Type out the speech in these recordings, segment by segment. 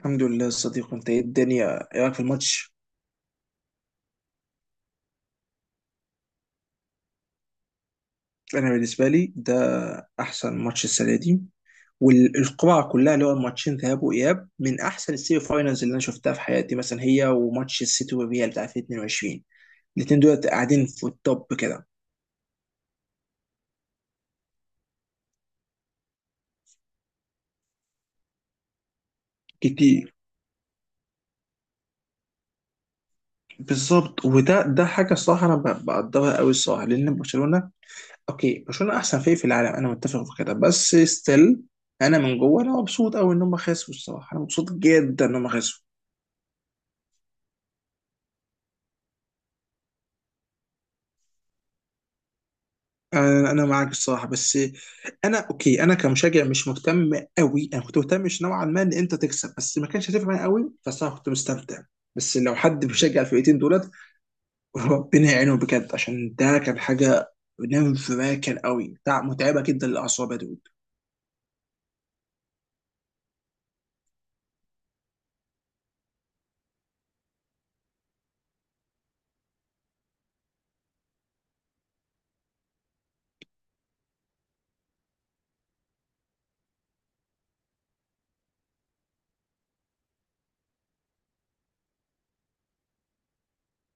الحمد لله يا صديقي، انت ايه الدنيا؟ ايه رايك في الماتش؟ انا بالنسبه لي ده احسن ماتش السنه دي، والقرعه كلها اللي هو الماتشين ذهاب واياب من احسن السيمي فاينلز اللي انا شفتها في حياتي. مثلا هي وماتش السيتي والريال بتاع 2022، الاثنين دول قاعدين في التوب كده كتير. بالظبط، وده حاجه الصراحه انا بقدرها قوي الصراحه. لان برشلونه، اوكي برشلونه احسن فريق في العالم، انا متفق في كده، بس ستيل، انا من جوه انا مبسوط قوي ان هم خسروا. الصراحه انا مبسوط جدا ان هم خسروا. انا معاك الصراحه، بس انا اوكي، انا كمشجع مش مهتم قوي. انا كنت مهتم، مش نوعا ما ان انت تكسب، بس ما كانش هتفرق معايا قوي، بس انا كنت مستمتع. بس لو حد بيشجع الفرقتين دولت، ربنا يعينهم بجد، عشان ده كان حاجه نيرف راكن قوي بتاع، متعبه جدا للاعصاب يا دود.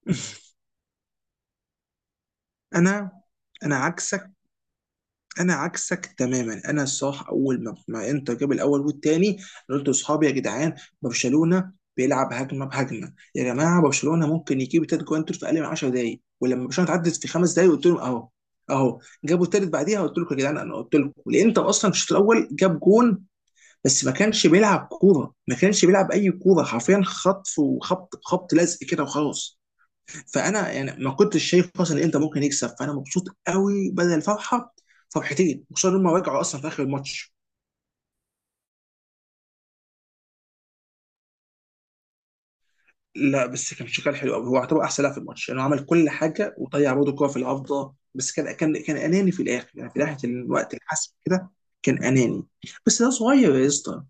انا انا عكسك انا عكسك تماما. انا صح، اول ما انتر جاب الاول والتاني، أنا قلت لاصحابي: يا جدعان، برشلونه بيلعب هجمه بهجمه، يا جماعه برشلونه ممكن يجيب تلات جوان دول في اقل من 10 دقائق. ولما برشلونه اتعدت في 5 دقائق قلت لهم: اهو، جابوا التالت. بعديها قلت لكم يا جدعان، انا قلت لكم الانتر اصلا في الشوط الاول جاب جون، بس ما كانش بيلعب كوره، ما كانش بيلعب اي كوره حرفيا، خطف وخبط، خبط لزق كده وخلاص. فانا يعني ما كنتش شايف اصلا ان انت ممكن يكسب، فانا مبسوط قوي، بدل الفرحه فرحتين، خصوصا ان هم رجعوا اصلا في اخر الماتش. لا بس كان شغال حلو قوي، هو اعتبر احسن لاعب في الماتش لانه يعني عمل كل حاجه، وضيع برضه كوره في العارضه، بس كان اناني في الاخر، يعني في ناحيه الوقت الحسم كده. كان اناني، بس ده صغير يا اسطى.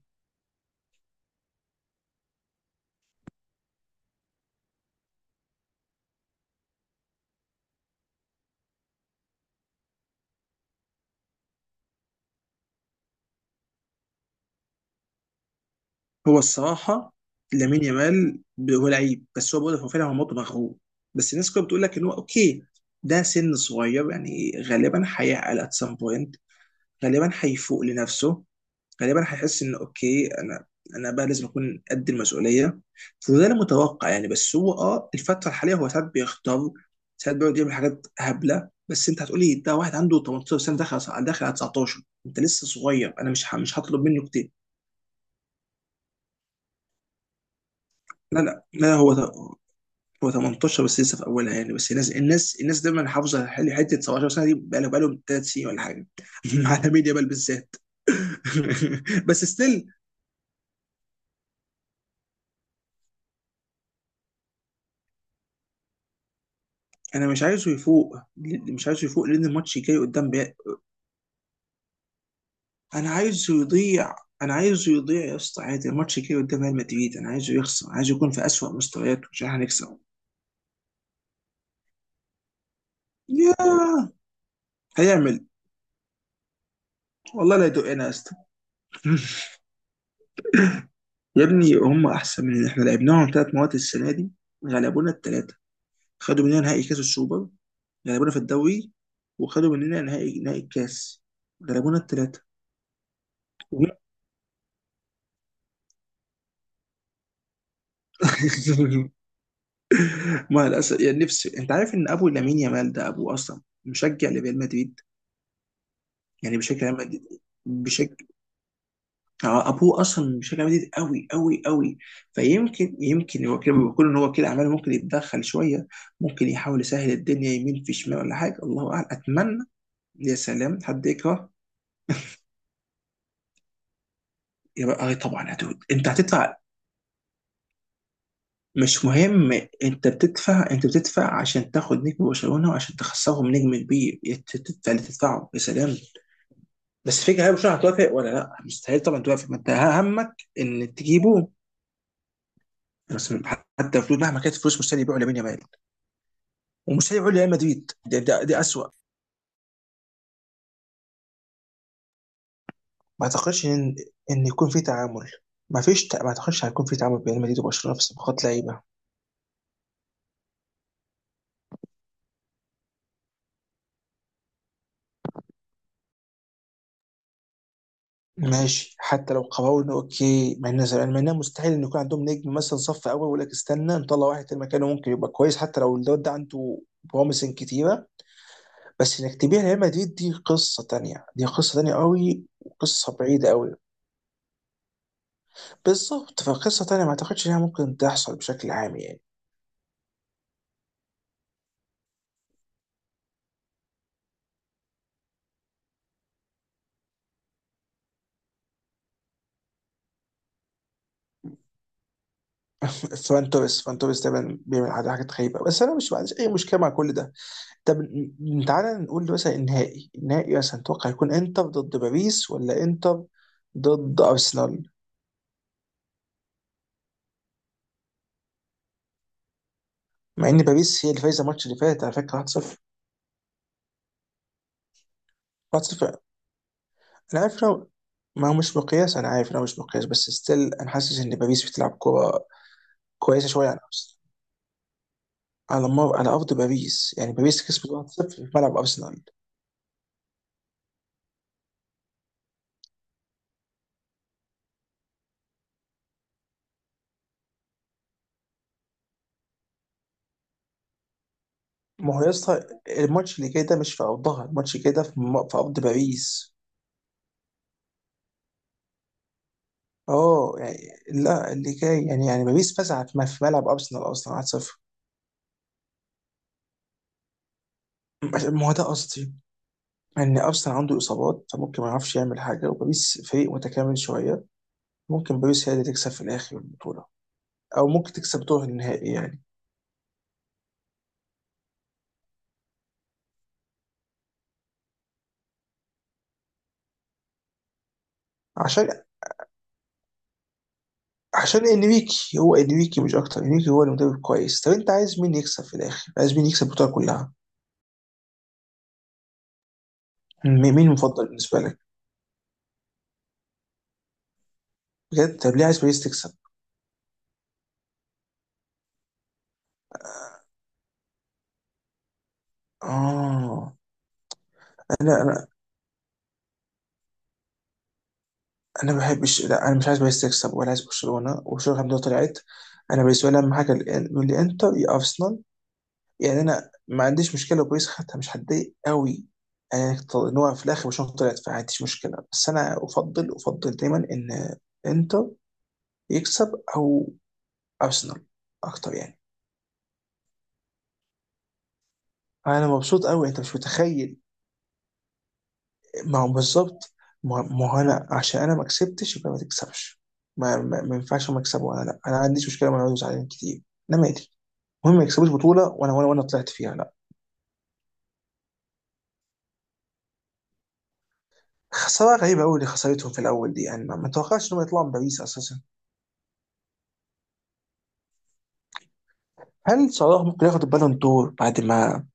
هو الصراحه لامين يامال، هو لعيب، بس هو برضه هو فعلا هو موضوع مغرور، بس الناس كلها بتقول لك ان هو اوكي. ده سن صغير، يعني غالبا هيعقل at some point، غالبا هيفوق لنفسه، غالبا هيحس ان اوكي، انا بقى لازم اكون قد المسؤوليه. فده المتوقع يعني. بس هو اه الفتره الحاليه، هو ساعات بيختار، ساعات بيقعد يعمل حاجات هبله، بس انت هتقولي ده واحد عنده 18 سنه، داخل على 19، انت لسه صغير، انا مش هطلب منه كتير. لا، هو هو 18، بس لسه في اولها يعني. بس الناس دايما حافظه، حته 17 سنه دي بقى لهم 3 سنين ولا حاجه. على ميديا بال بالذات. بس ستيل انا مش عايزه يفوق. مش عايزه يفوق لان الماتش جاي قدام بقى. انا عايزه يضيع. انا عايزه يضيع يا اسطى، عادي، الماتش جاي قدام ريال مدريد، انا عايزه يخسر، عايزه يكون في اسوأ مستوياته عشان هنكسب. يا هيعمل والله لا يدقنا يا اسطى. يا ابني هم احسن من احنا، لعبناهم ثلاث مواد السنه دي، غلبونا الثلاثه. خدوا مننا نهائي كاس السوبر، غلبونا في الدوري، وخدوا مننا نهائي الكاس، غلبونا الثلاثه. ما للاسف يعني، نفسي. انت عارف ان ابو لامين يامال ده ابوه اصلا مشجع لريال مدريد، يعني بشكل ريال مدريد. بشكل، آه، ابوه اصلا مشجع ريال مدريد قوي قوي قوي. فيمكن هو كده بيقول ان هو كده عمال، ممكن يتدخل شويه، ممكن يحاول يسهل الدنيا يمين في شمال ولا حاجه، الله اعلم، اتمنى. يا سلام، حد يكره. يبقى اه طبعا يا دود، انت هتدفع. مش مهم، انت بتدفع، انت بتدفع عشان تاخد نجم برشلونه وعشان تخسرهم نجم كبير، تدفع اللي تدفعه يا سلام. بس فكرة هل برشلونة هتوافق ولا لا، مستحيل طبعا توافق، ما انت همك ان تجيبه. بس حتى فلوس، مهما كانت الفلوس مستحيل يبيعوا لامين يامال، ومستحيل يبيعوا ريال مدريد، ده اسوء. ما اعتقدش ان يكون في تعامل. ما فيش ما اعتقدش هيكون في تعامل بين ريال مدريد وبرشلونه في صفقات لعيبه. ماشي، حتى لو قررنا اوكي، مع ان مع انها مستحيل ان يكون عندهم نجم مثلا صف اول ويقول لك استنى نطلع واحد تاني مكانه ممكن يبقى كويس. حتى لو الواد ده عنده بروميسنج كتيره، بس انك تبيع ريال مدريد دي قصه تانية، دي قصه تانية قوي وقصه بعيده قوي. بالظبط، فقصه تانية ما اعتقدش انها ممكن تحصل بشكل عام يعني. فران توريس دايما بيعمل حاجات غريبه، بس انا مش، ما عنديش اي مشكله مع كل ده. طب تعالى نقول مثلا النهائي، مثلا تتوقع يكون انتر ضد باريس ولا انتر ضد ارسنال؟ مع ان باريس هي اللي فايزه الماتش اللي فات، على فكره 1-0. 1-0 انا عارف إنه، ما هو مش مقياس، انا عارف إنه مش مقياس، بس ستيل انا حاسس ان باريس بتلعب كوره كويسه شويه عن ارسنال. على مر، على ارض باريس، يعني باريس كسبت 1-0 في ملعب ارسنال. ما هو يا اسطى الماتش اللي جاي ده مش في ارضها، الماتش اللي جاي ده في في ارض باريس. اه يعني لا، اللي جاي، يعني يعني باريس فزعت ما في ملعب ارسنال اصلا 1-0. ما هو ده قصدي، ان ارسنال عنده اصابات، فممكن ما يعرفش يعمل حاجه، وباريس فريق متكامل شويه، ممكن باريس هي اللي تكسب في الاخر البطوله، او ممكن تكسب دور النهائي يعني. عشان عشان انريكي، هو انريكي مش اكتر، انريكي هو المدرب كويس. طب انت عايز مين يكسب في الاخر، عايز مين يكسب البطوله كلها؟ م- مين المفضل بالنسبه لك؟ بجد؟ طب ليه عايز باريس تكسب؟ اه انا انا انا ما بحبش، لا انا مش عايز باريس تكسب ولا عايز برشلونه، وبرشلونه الحمد لله طلعت. انا بالنسبه لي اهم حاجه من الانتر يا ارسنال. يعني انا ما عنديش مشكله لو باريس خدتها، مش هتضايق قوي. يعني ان هو في الاخر برشلونه طلعت، فما عنديش مشكله، بس انا افضل دايما ان انتر يكسب او ارسنال اكتر يعني. انا مبسوط قوي، انت مش متخيل. ما هو بالظبط، ما هو انا عشان انا ما كسبتش يبقى ما تكسبش. ما ينفعش ما اكسب وانا، لا انا ما عنديش مشكله وانا اقعد زعلان كتير. انا مالي، المهم ما يكسبوش بطوله وانا، طلعت فيها لا. خساره غريبه قوي اللي خسارتهم في الاول دي يعني، ما توقعتش انهم يطلعوا من باريس اساسا. هل صلاح ممكن ياخد البالون دور بعد ما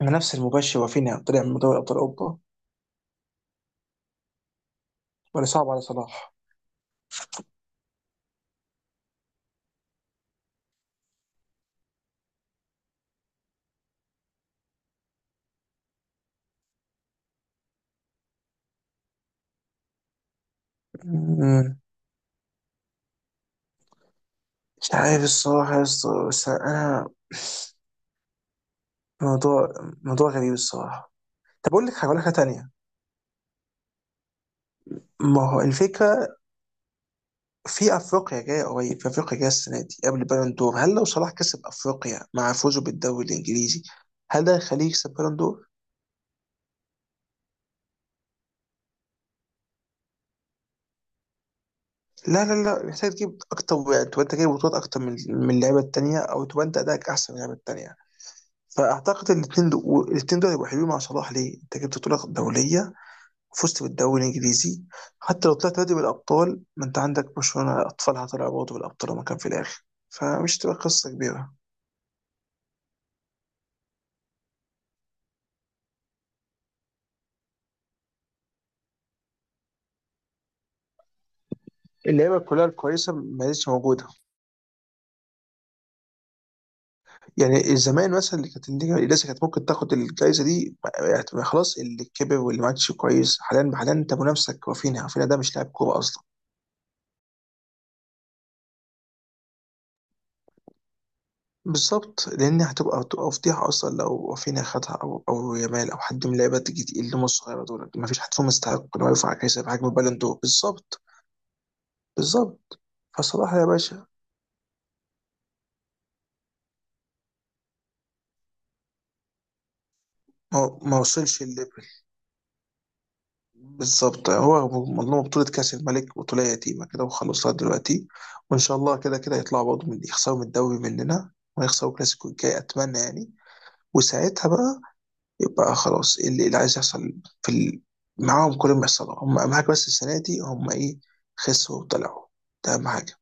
المنافس المباشر رافينيا طلع من دوري ابطال اوروبا، ولا صعب على صلاح؟ مم. مش عارف الصراحه يا اسطى، بس انا موضوع موضوع غريب الصراحه. طب اقول لك، هقول لك حاجه تانيه. ما هو الفكره، في افريقيا جايه السنه دي قبل البالون دور، هل لو صلاح كسب افريقيا مع فوزه بالدوري الانجليزي، هل ده يخليه يكسب بالون دور؟ لا محتاج تجيب اكتر واحد، تبقى انت جايب بطولات اكتر من اللعيبه التانيه، او تبقى انت ادائك احسن من اللعيبه التانيه. فاعتقد الاثنين دول هيبقوا حلوين مع صلاح. ليه؟ انت جبت بطوله دوليه وفزت بالدوري الانجليزي، حتى لو طلعت نادي بالابطال، ما انت عندك برشلونه اطفالها طلعوا برضه بالابطال وما كان في الاخر، فمش تبقى قصه كبيره. اللعيبه كلها الكويسه ما لسه موجوده. يعني زمان مثلا اللي كانت، اللي لسه كانت ممكن تاخد الجائزه دي، خلاص اللي كبر واللي ما عادش كويس. حاليا حاليا انت منافسك رافينيا، رافينيا ده مش لاعب كوره اصلا. بالظبط، لان هتبقى فضيحه اصلا لو رافينيا خدها، او او يامال او حد من اللعيبه تيجي تقيل اللي هم الصغيره دول. ما فيش حد فيهم يستحق انه يرفع جائزه بحجم البالون دور. بالظبط. بالظبط فصلاح يا باشا، ما وصلش الليفل. بالظبط. هو مضمون بطولة كأس الملك، بطولة يتيمة كده وخلاص لغاية دلوقتي. وإن شاء الله كده كده يطلعوا برضه من، يخسروا من الدوري مننا، ويخسروا الكلاسيكو الجاي أتمنى يعني. وساعتها بقى يبقى خلاص، اللي عايز يحصل في معاهم، كل ما يحصل هم أهم حاجة. بس السنة دي هم إيه؟ خسروا وطلعوا. ده أهم حاجة.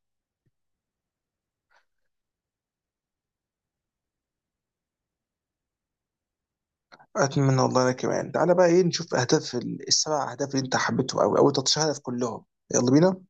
أتمنى والله. أنا كمان تعالى بقى إيه، نشوف أهداف السبع أهداف اللي أنت حبيتهم أوي، أو 13 هدف كلهم. يلا بينا.